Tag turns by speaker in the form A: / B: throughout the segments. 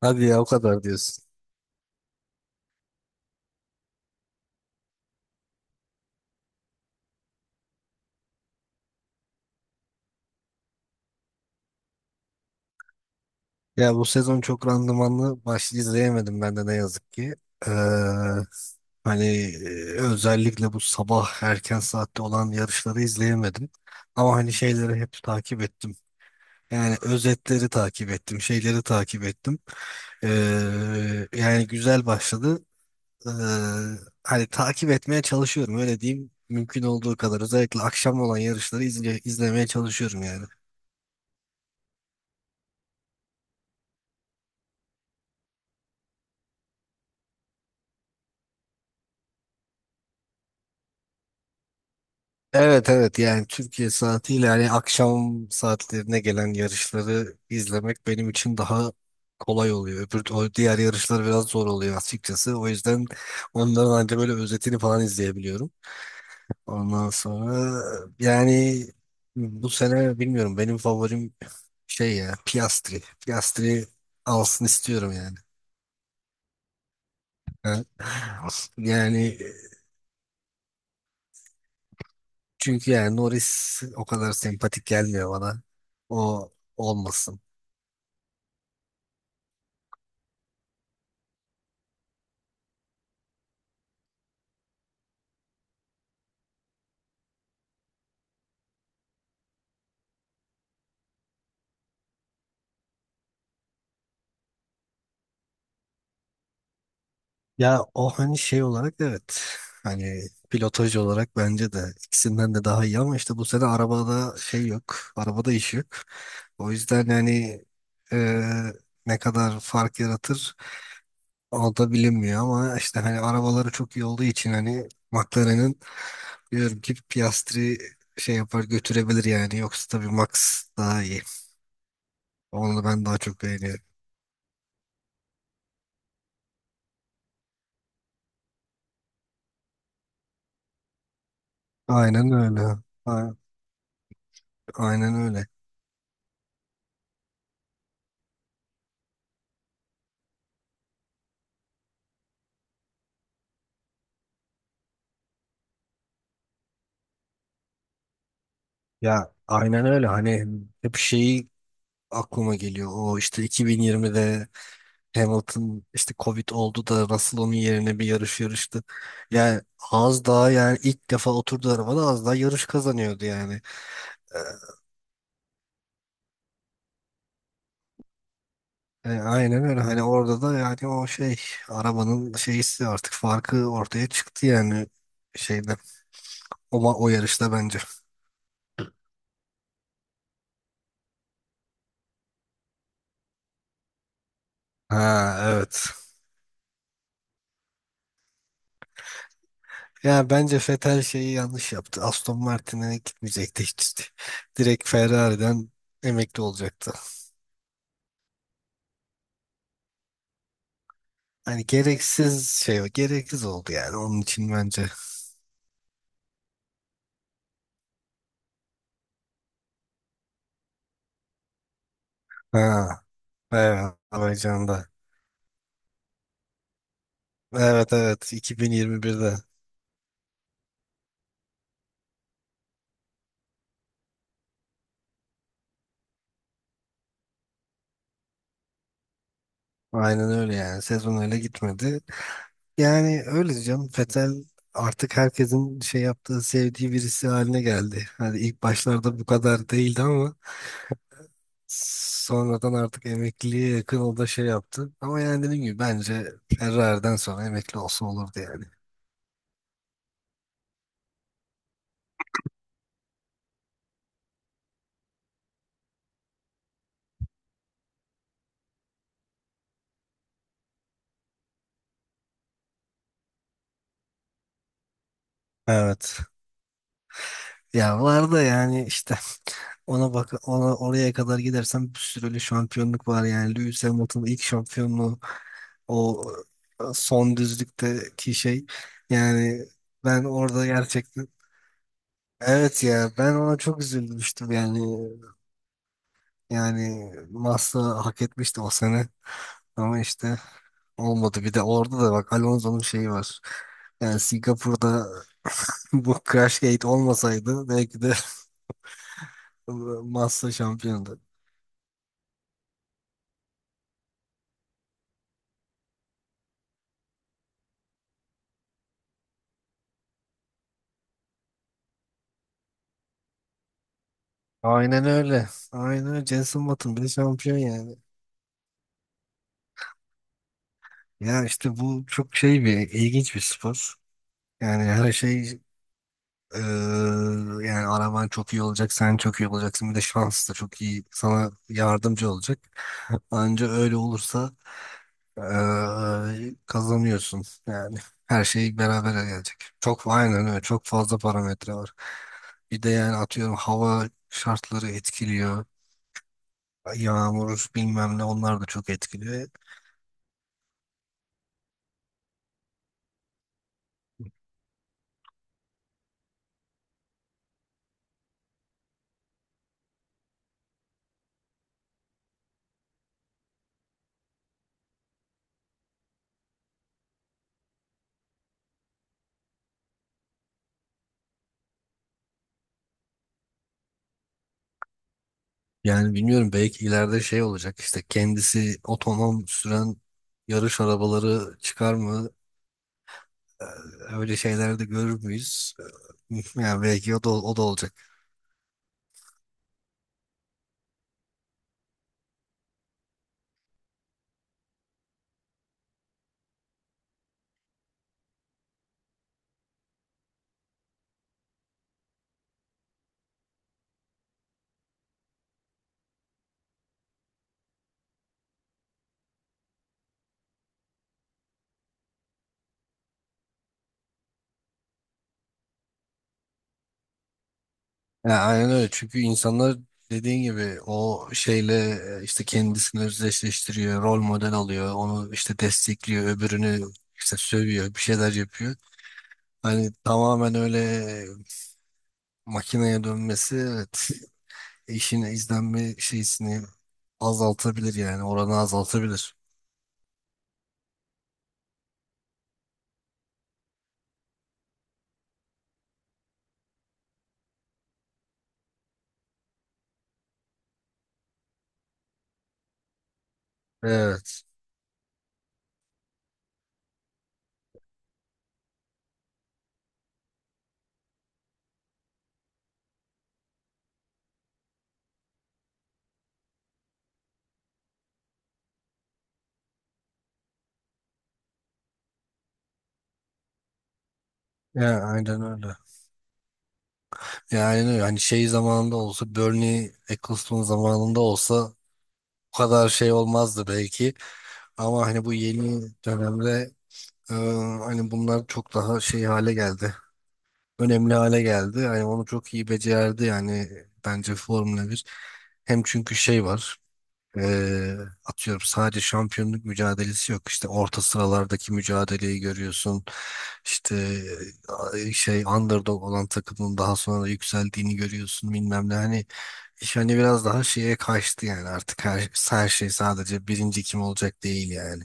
A: Hadi ya, o kadar diyorsun. Ya, bu sezon çok randımanlı maç izleyemedim ben de ne yazık ki. Ee, hani Özellikle bu sabah erken saatte olan yarışları izleyemedim. Ama hani şeyleri hep takip ettim. Yani özetleri takip ettim, şeyleri takip ettim. Yani güzel başladı. e, Hani takip etmeye çalışıyorum, öyle diyeyim. Mümkün olduğu kadar özellikle akşam olan yarışları izlemeye çalışıyorum yani. Evet, evet, yani Türkiye saatiyle, yani akşam saatlerine gelen yarışları izlemek benim için daha kolay oluyor. O diğer yarışlar biraz zor oluyor açıkçası. O yüzden onların ancak böyle özetini falan izleyebiliyorum. Ondan sonra yani bu sene bilmiyorum, benim favorim şey ya, Piastri. Piastri alsın istiyorum yani. Ha? Yani çünkü yani Norris o kadar sempatik gelmiyor bana. O olmasın. Ya, o hani şey olarak evet. Hani pilotaj olarak bence de ikisinden de daha iyi, ama işte bu sene arabada şey yok. Arabada iş yok. O yüzden yani e, ne kadar fark yaratır o da bilinmiyor, ama işte hani arabaları çok iyi olduğu için, hani McLaren'in, diyorum ki Piastri şey yapar, götürebilir yani. Yoksa tabii Max daha iyi. Onu ben daha çok beğeniyorum. Aynen öyle. A- Aynen öyle. Ya aynen öyle. Hani hep şeyi aklıma geliyor. O işte 2020'de Hamilton işte Covid oldu da Russell onun yerine bir yarış yarıştı. Yani az daha, yani ilk defa oturdu arabada, az daha yarış kazanıyordu yani. Ee, E, aynen öyle. Hani orada da yani o şey, arabanın şeysi, artık farkı ortaya çıktı yani, şeyde o, o yarışta bence. Ha, evet. Ya bence Vettel şeyi yanlış yaptı. Aston Martin'e gitmeyecekti hiç. Direkt Ferrari'den emekli olacaktı. Hani gereksiz şey, gereksiz oldu yani onun için bence. Ha, evet, Azerbaycan'da. Evet, evet, 2021'de. Aynen öyle yani. Sezon öyle gitmedi. Yani öyle canım. Fetel artık herkesin şey yaptığı, sevdiği birisi haline geldi. Hani ilk başlarda bu kadar değildi ama sonradan artık emekliliğe yakın o da şey yaptı. Ama yani dediğim gibi bence Ferrari'den sonra emekli olsa olurdu yani. Evet. Ya var da yani işte ona bak, ona oraya kadar gidersen bir sürü öyle şampiyonluk var, yani Lewis Hamilton'ın ilk şampiyonluğu, o, son düzlükteki şey, yani ben orada gerçekten, evet ya, ben ona çok üzülmüştüm yani. Yani Massa hak etmişti o sene, ama işte olmadı. Bir de orada da bak, Alonso'nun şeyi var yani, Singapur'da, bu Crashgate olmasaydı belki de Massa şampiyondu. Aynen öyle, aynen öyle, Jenson Button bile şampiyon yani. Ya işte bu çok şey, bir ilginç bir spor yani. Her şey eee, yani, araban çok iyi olacak, sen çok iyi olacaksın, bir de şans da çok iyi sana yardımcı olacak. Anca öyle olursa eee, kazanıyorsun. Yani her şey beraber gelecek. Çok aynen öyle. Çok fazla parametre var. Bir de yani atıyorum hava şartları etkiliyor. Yağmur bilmem ne, onlar da çok etkiliyor. Yani bilmiyorum, belki ileride şey olacak, işte kendisi otonom süren yarış arabaları çıkar mı? Ee, Öyle şeyler de görür müyüz? Yani belki o da olacak. Yani aynen öyle, çünkü insanlar dediğin gibi o şeyle, işte kendisini özdeşleştiriyor, rol model alıyor, onu işte destekliyor, öbürünü işte sövüyor, bir şeyler yapıyor. Hani tamamen öyle makineye dönmesi, evet, işin izlenme şeysini azaltabilir yani, oranı azaltabilir. Evet. Ya aynen öyle. Ya aynen öyle. Hani şey zamanında olsa, Bernie Ecclestone zamanında olsa, bu kadar şey olmazdı belki. Ama hani bu yeni dönemde e, hani bunlar çok daha şey hale geldi. Önemli hale geldi. Yani onu çok iyi becerdi yani, bence Formula bir. Hem çünkü şey var. Ee, Atıyorum sadece şampiyonluk mücadelesi yok. İşte orta sıralardaki mücadeleyi görüyorsun. İşte şey, underdog olan takımın daha sonra yükseldiğini görüyorsun bilmem ne. Hani iş hani biraz daha şeye kaçtı yani, artık her şey sadece birinci kim olacak değil yani.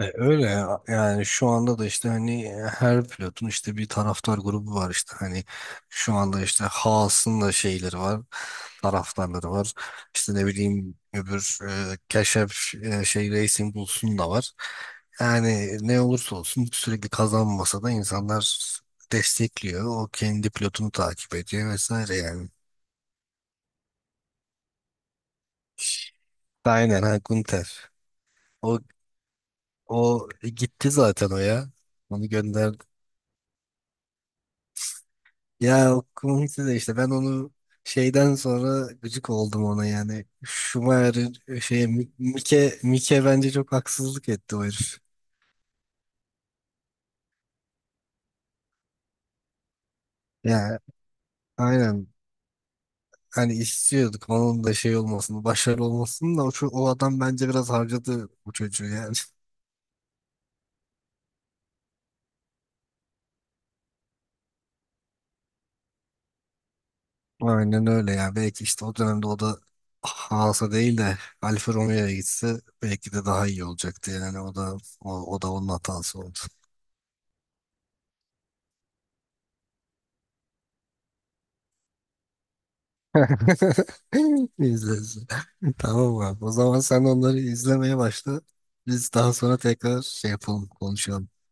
A: E, öyle ya. Yani şu anda da işte hani her pilotun işte bir taraftar grubu var, işte hani şu anda işte Haas'ın da şeyleri var, taraftarları var, işte ne bileyim, öbür Keşef, şey Racing Bulls'un da var, yani ne olursa olsun sürekli kazanmasa da insanlar destekliyor, o kendi pilotunu takip ediyor vesaire yani. Aynen, ha, Gunter, o, o gitti zaten o ya, onu. Ya komikti de, işte ben onu şeyden sonra gıcık oldum ona yani. Schumacher'in şeye, Mike bence çok haksızlık etti o herif. Ya aynen, hani istiyorduk onun da şey olmasını, başarılı olmasını da, o, o adam bence biraz harcadı bu çocuğu yani. Aynen öyle ya. Belki işte o dönemde o da Haas'a değil de Alfa Romeo'ya gitse belki de daha iyi olacaktı yani, o da o da onun hatası oldu. İzleriz. Tamam abi. O zaman sen onları izlemeye başla. Biz daha sonra tekrar şey yapalım, konuşalım.